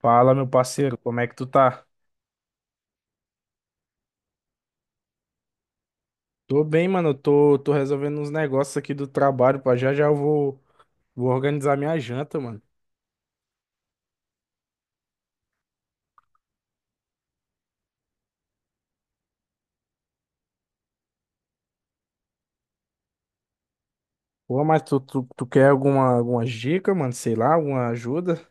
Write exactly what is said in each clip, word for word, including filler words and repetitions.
Fala, meu parceiro, como é que tu tá? Tô bem, mano. Eu Tô, tô resolvendo uns negócios aqui do trabalho, pá. Já já eu vou, vou organizar minha janta, mano. Pô, mas tu, tu, tu quer alguma, alguma dica, mano? Sei lá, alguma ajuda?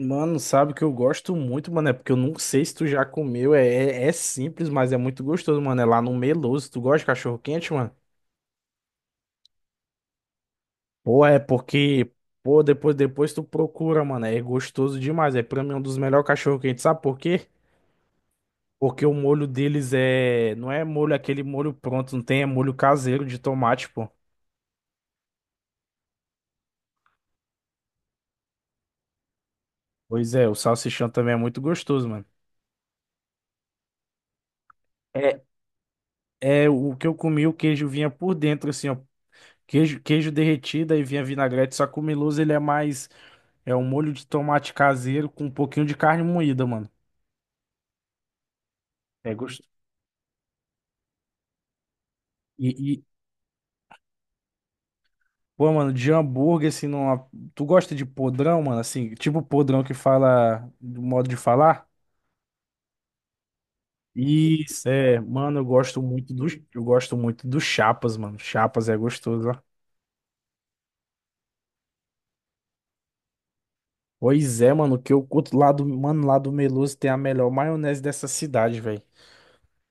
Mano, sabe que eu gosto muito, mano. É porque eu não sei se tu já comeu. É, é, é simples, mas é muito gostoso, mano. É lá no Meloso. Tu gosta de cachorro quente, mano? Pô, é porque. Pô, depois, depois tu procura, mano. É gostoso demais. É pra mim um dos melhores cachorro quentes. Sabe por quê? Porque o molho deles é. Não é molho aquele molho pronto, não tem, é molho caseiro de tomate, pô. Pois é, o salsichão também é muito gostoso, mano. É, é o que eu comi, o queijo vinha por dentro, assim, ó. Queijo, queijo derretido e vinha vinagrete, só que o Miloso ele é mais. É um molho de tomate caseiro com um pouquinho de carne moída, mano. É gostoso. E, e, pô, mano, de hambúrguer, assim, numa... tu gosta de podrão, mano? Assim, tipo podrão que fala do modo de falar? Isso, é, mano, eu gosto muito do, eu gosto muito do Chapas, mano. Chapas é gostoso, ó. Pois é, mano, que eu curto lá do, mano, lá do Meloso tem a melhor maionese dessa cidade, velho.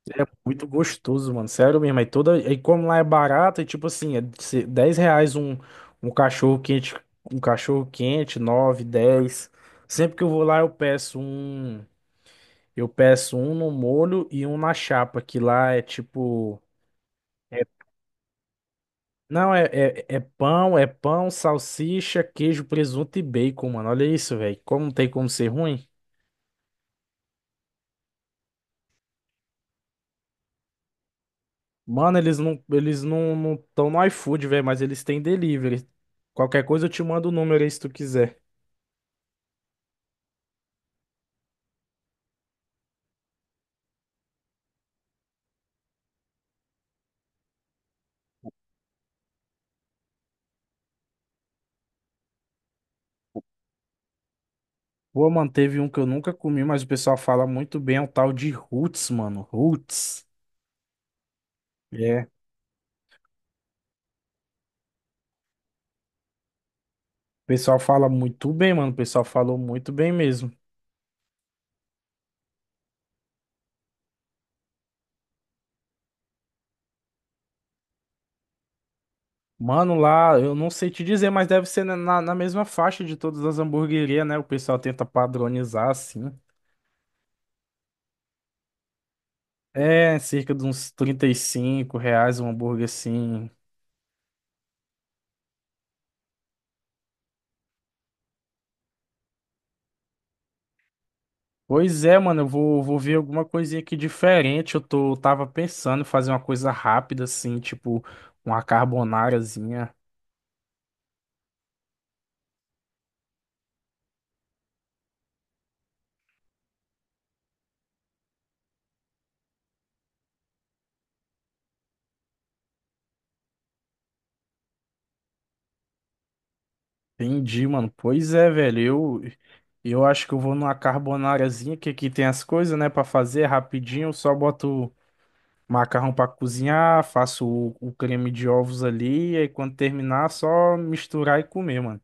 É muito gostoso, mano. Sério mesmo. Aí toda, aí como lá é barato, é tipo assim, é se- dez reais um, um cachorro quente, um cachorro quente, nove, dez. Sempre que eu vou lá eu peço um, eu peço um no molho e um na chapa, que lá é tipo. Não, é, é, é pão, é pão, salsicha, queijo, presunto e bacon, mano. Olha isso, velho. Como não tem como ser ruim? Mano, eles não, eles não, não estão no iFood, velho, mas eles têm delivery. Qualquer coisa eu te mando o número aí se tu quiser. Pô, mano, teve um que eu nunca comi, mas o pessoal fala muito bem, é um tal de Roots, mano. Roots. É. O pessoal fala muito bem, mano. O pessoal falou muito bem mesmo. Mano, lá, eu não sei te dizer, mas deve ser na, na na mesma faixa de todas as hamburguerias, né? O pessoal tenta padronizar assim. É, cerca de uns trinta e cinco reais um hambúrguer assim. Pois é, mano, eu vou, vou ver alguma coisinha aqui diferente. Eu tô, tava pensando em fazer uma coisa rápida assim, tipo uma carbonarazinha. Entendi, mano. Pois é, velho. Eu, eu acho que eu vou numa carbonarazinha que aqui tem as coisas, né, pra fazer rapidinho. Eu só boto macarrão pra cozinhar, faço o, o creme de ovos ali, e aí quando terminar, só misturar e comer, mano.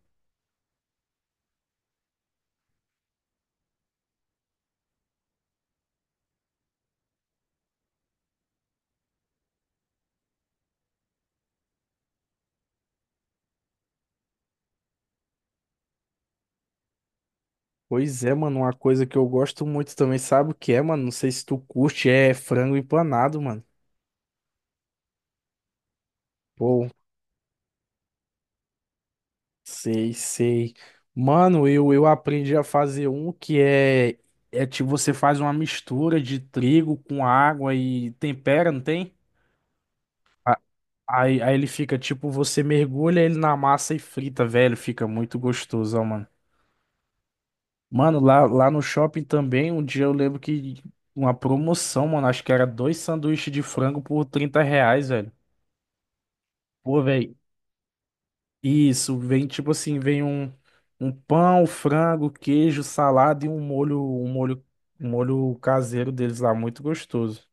Pois é, mano, uma coisa que eu gosto muito também, sabe o que é, mano? Não sei se tu curte, é frango empanado, mano. Pô, sei, sei. Mano, eu, eu aprendi a fazer um que é, é tipo, você faz uma mistura de trigo com água e tempera, não tem? Aí, aí ele fica, tipo, você mergulha ele na massa e frita, velho. Fica muito gostoso, ó, mano. Mano, lá, lá no shopping também, um dia eu lembro que uma promoção, mano, acho que era dois sanduíches de frango por trinta reais, velho. Pô, velho, isso, vem tipo assim, vem um, um pão, frango, queijo, salada e um molho, um molho, um molho caseiro deles lá, muito gostoso.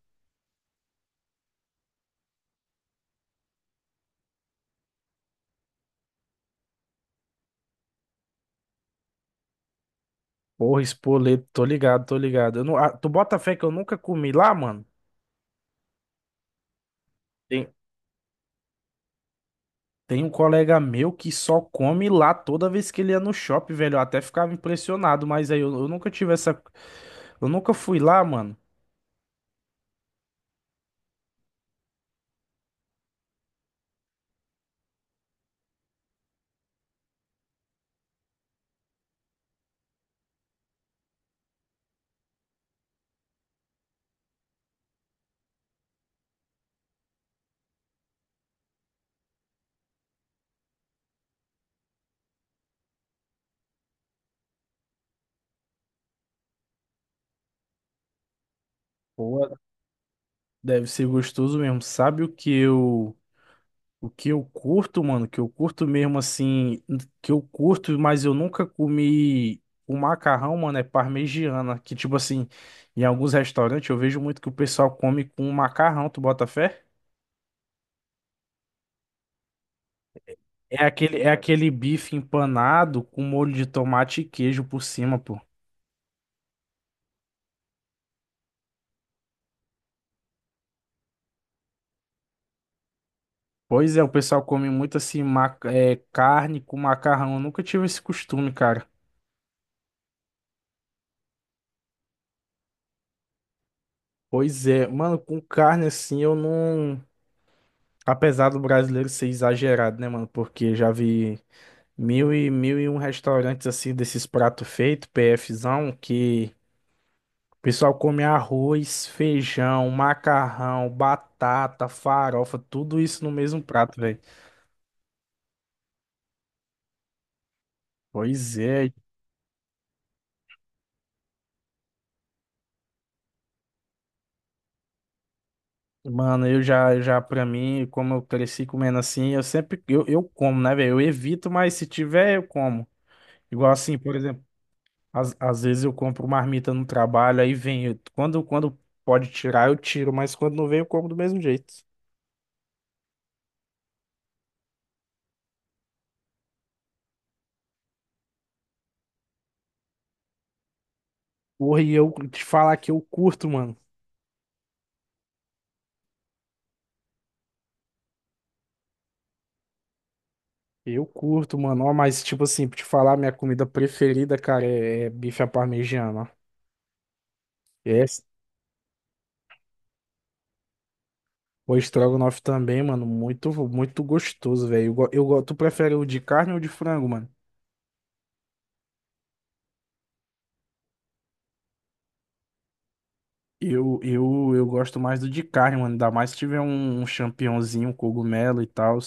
Porra, espoleto, tô ligado, tô ligado. Eu não, ah, tu bota fé que eu nunca comi lá, mano? Tem, tem um colega meu que só come lá toda vez que ele ia no shopping, velho. Eu até ficava impressionado, mas aí eu, eu nunca tive essa. Eu nunca fui lá, mano. Pô, deve ser gostoso mesmo. Sabe o que eu. O que eu curto, mano, que eu curto mesmo assim, que eu curto, mas eu nunca comi o macarrão, mano, é parmegiana, que tipo assim, em alguns restaurantes eu vejo muito que o pessoal come com macarrão, tu bota fé? É aquele, é aquele bife empanado com molho de tomate e queijo por cima, pô. Pois é, o pessoal come muito assim, ma- é, carne com macarrão. Eu nunca tive esse costume, cara. Pois é, mano, com carne assim eu não. Apesar do brasileiro ser exagerado, né, mano? Porque já vi. Mil e, mil e um restaurantes assim desses pratos feitos, PFzão, que o pessoal come arroz, feijão, macarrão, batata, farofa, tudo isso no mesmo prato, velho. Pois é, mano, eu já, eu já pra mim, como eu cresci comendo assim, eu sempre, eu, eu como, né, velho? Eu evito, mas se tiver, eu como. Igual assim, por exemplo, às, às vezes eu compro marmita no trabalho, aí vem, eu- quando, quando pode tirar, eu tiro, mas quando não vem, eu como do mesmo jeito. Porra, e eu te falar que eu curto, mano. Eu curto, mano. Ó, mas, tipo assim, pra te falar, minha comida preferida, cara, é, é bife à parmegiana. Ó. É, o estrogonofe também, mano. Muito, muito gostoso, velho. Eu, go- eu, go- tu prefere o de carne ou de frango, mano? Eu, eu, eu gosto mais do de carne, mano. Ainda mais se tiver um, um champignonzinho, um cogumelo e tal.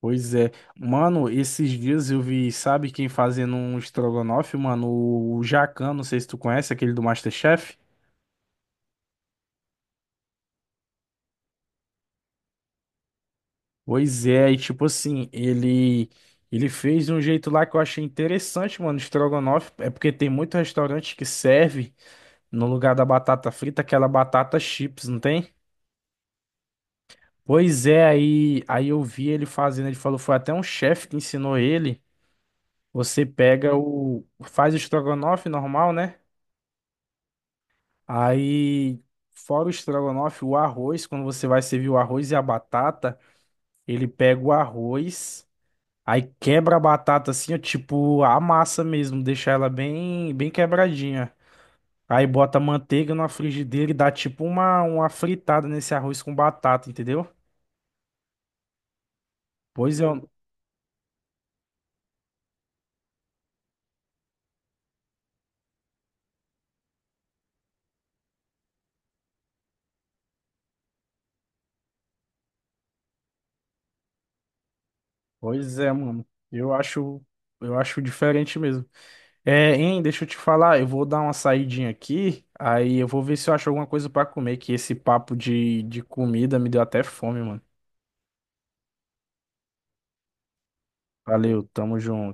Pois é. Mano, esses dias eu vi, sabe quem fazendo um estrogonofe, mano? O, Jacan, não sei se tu conhece, aquele do MasterChef. Pois é, e tipo assim, ele ele fez de um jeito lá que eu achei interessante, mano, estrogonofe, é porque tem muito restaurante que serve no lugar da batata frita aquela batata chips, não tem? Pois é, aí aí eu vi ele fazendo, ele falou, foi até um chefe que ensinou ele. Você pega o faz o estrogonofe normal, né? Aí fora o estrogonofe, o arroz, quando você vai servir o arroz e a batata, ele pega o arroz. Aí quebra a batata assim, ó, tipo, a massa mesmo, deixa ela bem, bem quebradinha. Aí bota manteiga na frigideira e dá tipo uma, uma fritada nesse arroz com batata, entendeu? Pois é, pois é, mano. Eu acho, eu acho diferente mesmo. É, hein, deixa eu te falar, eu vou dar uma saidinha aqui, aí eu vou ver se eu acho alguma coisa pra comer, que esse papo de, de comida me deu até fome, mano. Valeu, tamo junto.